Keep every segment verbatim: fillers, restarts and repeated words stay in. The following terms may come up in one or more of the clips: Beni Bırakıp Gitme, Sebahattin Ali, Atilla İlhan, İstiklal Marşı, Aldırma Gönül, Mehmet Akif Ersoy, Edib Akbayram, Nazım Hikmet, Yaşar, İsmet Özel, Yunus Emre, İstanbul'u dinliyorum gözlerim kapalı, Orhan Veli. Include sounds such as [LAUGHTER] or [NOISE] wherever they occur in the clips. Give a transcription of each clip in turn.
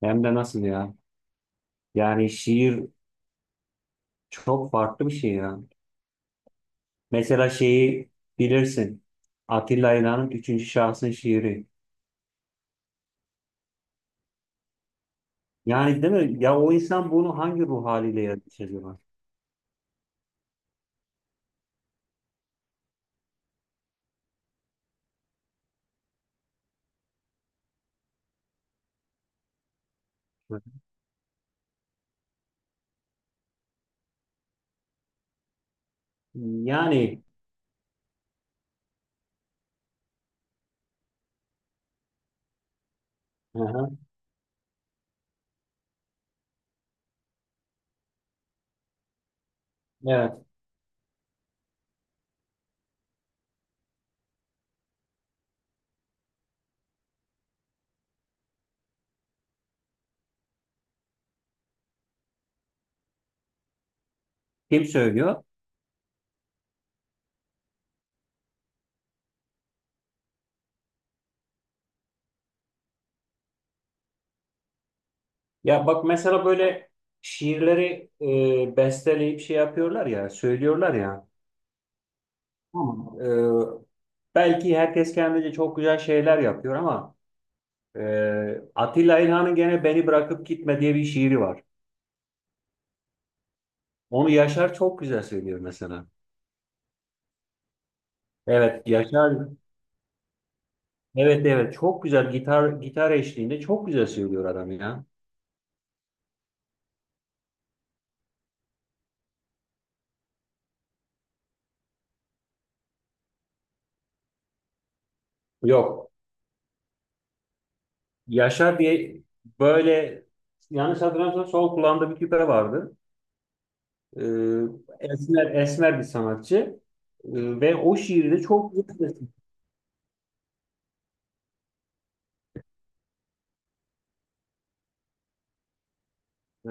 Hem de nasıl ya? Yani şiir çok farklı bir şey ya. Mesela şeyi bilirsin. Atilla İlhan'ın üçüncü şahsın şiiri. Yani değil mi? Ya o insan bunu hangi ruh haliyle yazmış acaba? Yani hı hı, evet. Kim söylüyor? Ya bak mesela böyle şiirleri e, besteleyip şey yapıyorlar ya, söylüyorlar ya. Tamam. E, belki herkes kendince çok güzel şeyler yapıyor ama Ee, Atilla İlhan'ın gene Beni Bırakıp Gitme diye bir şiiri var. Onu Yaşar çok güzel söylüyor mesela. Evet Yaşar, evet evet çok güzel gitar gitar eşliğinde çok güzel söylüyor adam ya. Yok, Yaşar diye böyle, yanlış hatırlamıyorsam sol kulağında bir küpe vardı. Ee, Esmer esmer bir sanatçı. Ee, ve o şiiri de çok güzel.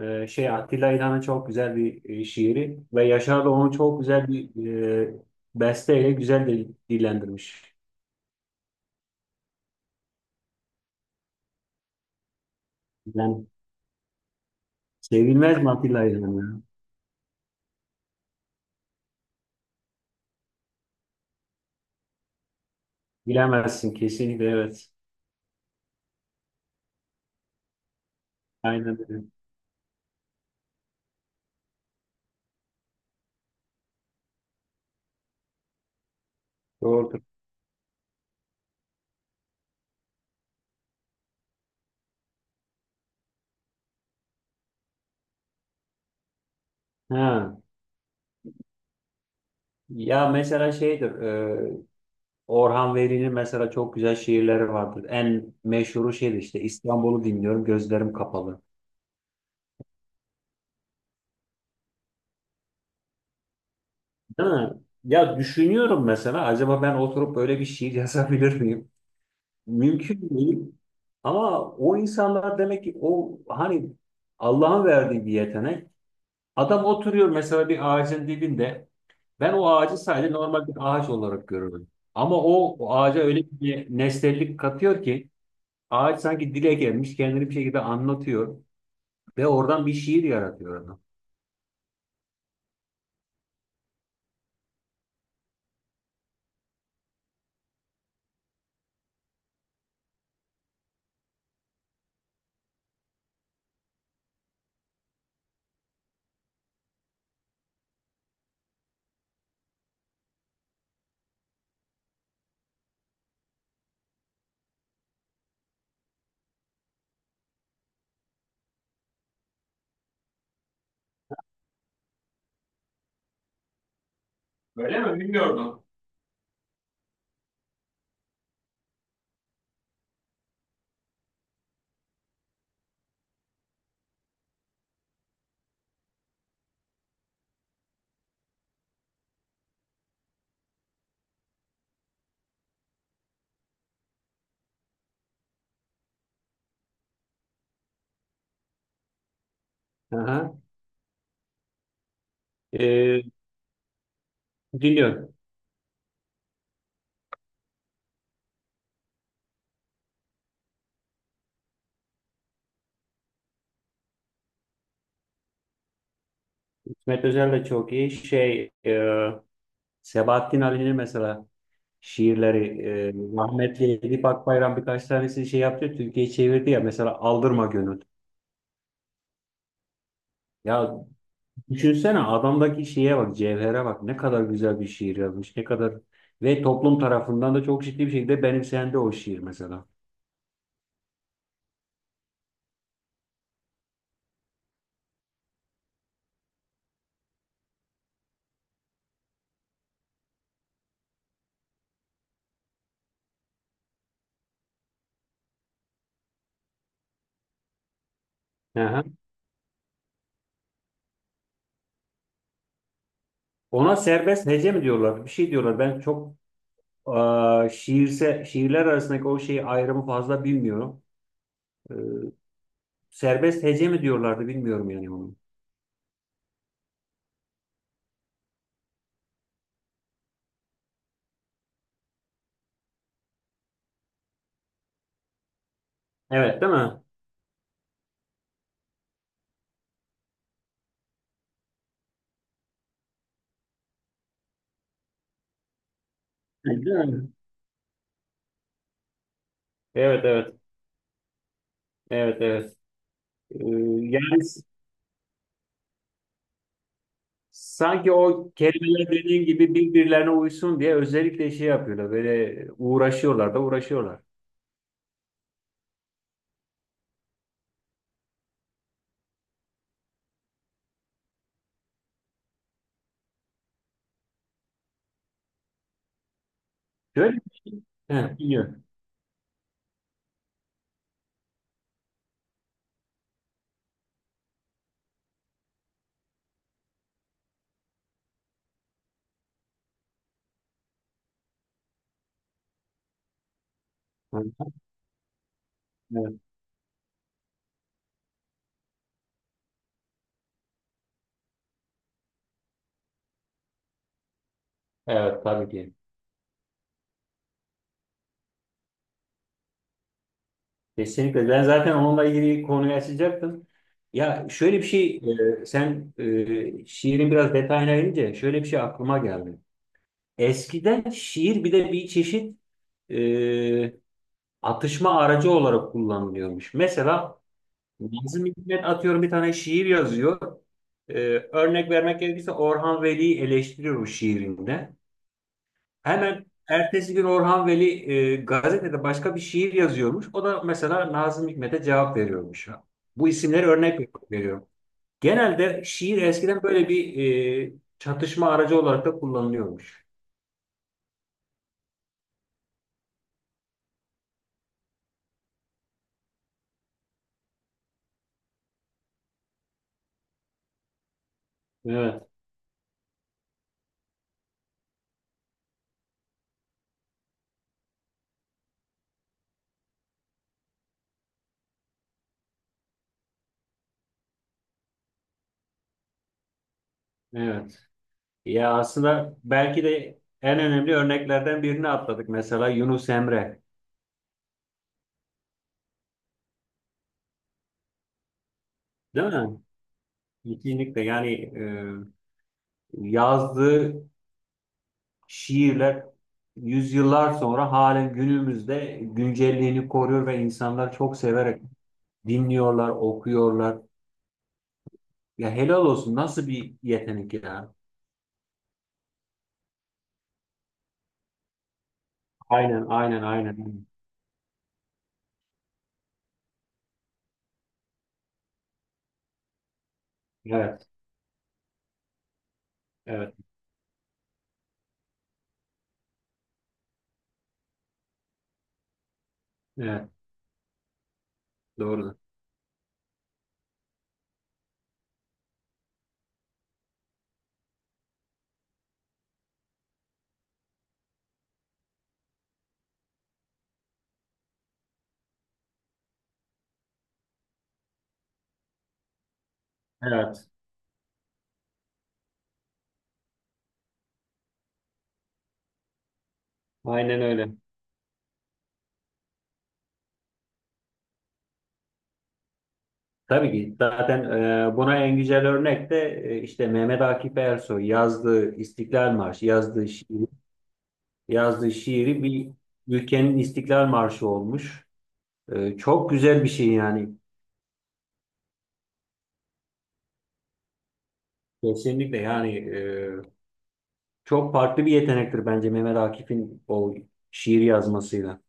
Ee, şey, Atilla İlhan'ın çok güzel bir e, şiiri ve Yaşar da onu çok güzel bir e, besteyle güzel de dillendirmiş. Yani sevilmez mi Atilla İlhan ya? Bilemezsin kesinlikle, evet. Aynen öyle. Doğrudur. Ha. Ya mesela şeydir, e, Orhan Veli'nin mesela çok güzel şiirleri vardır. En meşhuru şeydir işte, İstanbul'u dinliyorum gözlerim kapalı. Değil mi? Ya düşünüyorum mesela acaba ben oturup böyle bir şiir [LAUGHS] yazabilir miyim? Mümkün değil. Ama o insanlar demek ki o hani Allah'ın verdiği bir yetenek. Adam oturuyor mesela bir ağacın dibinde. Ben o ağacı sadece normal bir ağaç olarak görüyorum. Ama o, o ağaca öyle bir nesnellik katıyor ki ağaç sanki dile gelmiş, kendini bir şekilde anlatıyor ve oradan bir şiir yaratıyor adam. Öyle mi? Bilmiyordum. Hı. Ee, Dinliyorum. İsmet Özel de çok iyi. Şey, e, Sebahattin Ali'nin mesela şiirleri, e, rahmetli Edip Akbayram birkaç tanesi şey yaptı. Türkiye'ye çevirdi ya, mesela Aldırma Gönül. Ya düşünsene adamdaki şeye bak, cevhere bak. Ne kadar güzel bir şiir yazmış. Ne kadar ve toplum tarafından da çok ciddi bir şekilde benimsendi o şiir mesela. Aha. Ona serbest hece mi diyorlar? Bir şey diyorlar. Ben çok e, şiirse şiirler arasındaki o şeyi, ayrımı fazla bilmiyorum. E, Serbest hece mi diyorlardı, bilmiyorum yani onu. Evet, değil mi? Değil mi? Evet, evet. Evet, evet. Ee, Yani s- sanki o kelimeler dediğin gibi birbirlerine uysun diye özellikle şey yapıyorlar. Böyle uğraşıyorlar da uğraşıyorlar. Şöyle, he, biliyorum. Hı. Evet. Evet, tabii ki. Kesinlikle. Ben zaten onunla ilgili konuyu açacaktım. Ya şöyle bir şey, e, sen e, şiirin biraz detayına inince şöyle bir şey aklıma geldi. Eskiden şiir bir de bir çeşit e, atışma aracı olarak kullanılıyormuş. Mesela Nazım Hikmet atıyorum bir tane şiir yazıyor. Ee, Örnek vermek gerekirse Orhan Veli'yi eleştiriyor bu şiirinde. Hemen ertesi gün Orhan Veli e, gazetede başka bir şiir yazıyormuş. O da mesela Nazım Hikmet'e cevap veriyormuş. Bu isimleri örnek veriyorum. Genelde şiir eskiden böyle bir e, çatışma aracı olarak da kullanılıyormuş. Evet, evet. Ya aslında belki de en önemli örneklerden birini atladık. Mesela Yunus Emre, değil mi? Kesinlikle yani, e, yazdığı şiirler yüzyıllar sonra halen günümüzde güncelliğini koruyor ve insanlar çok severek dinliyorlar, okuyorlar. Ya helal olsun, nasıl bir yetenek ya. Aynen, aynen, aynen. Evet, evet, evet, doğru. Evet, aynen öyle. Tabii ki zaten e, buna en güzel örnek de e, işte Mehmet Akif Ersoy yazdığı İstiklal Marşı, yazdığı şiir. Yazdığı şiiri bir ülkenin İstiklal Marşı olmuş. Ee, çok güzel bir şey yani. Kesinlikle yani, e, çok farklı bir yetenektir bence Mehmet Akif'in o şiir yazmasıyla.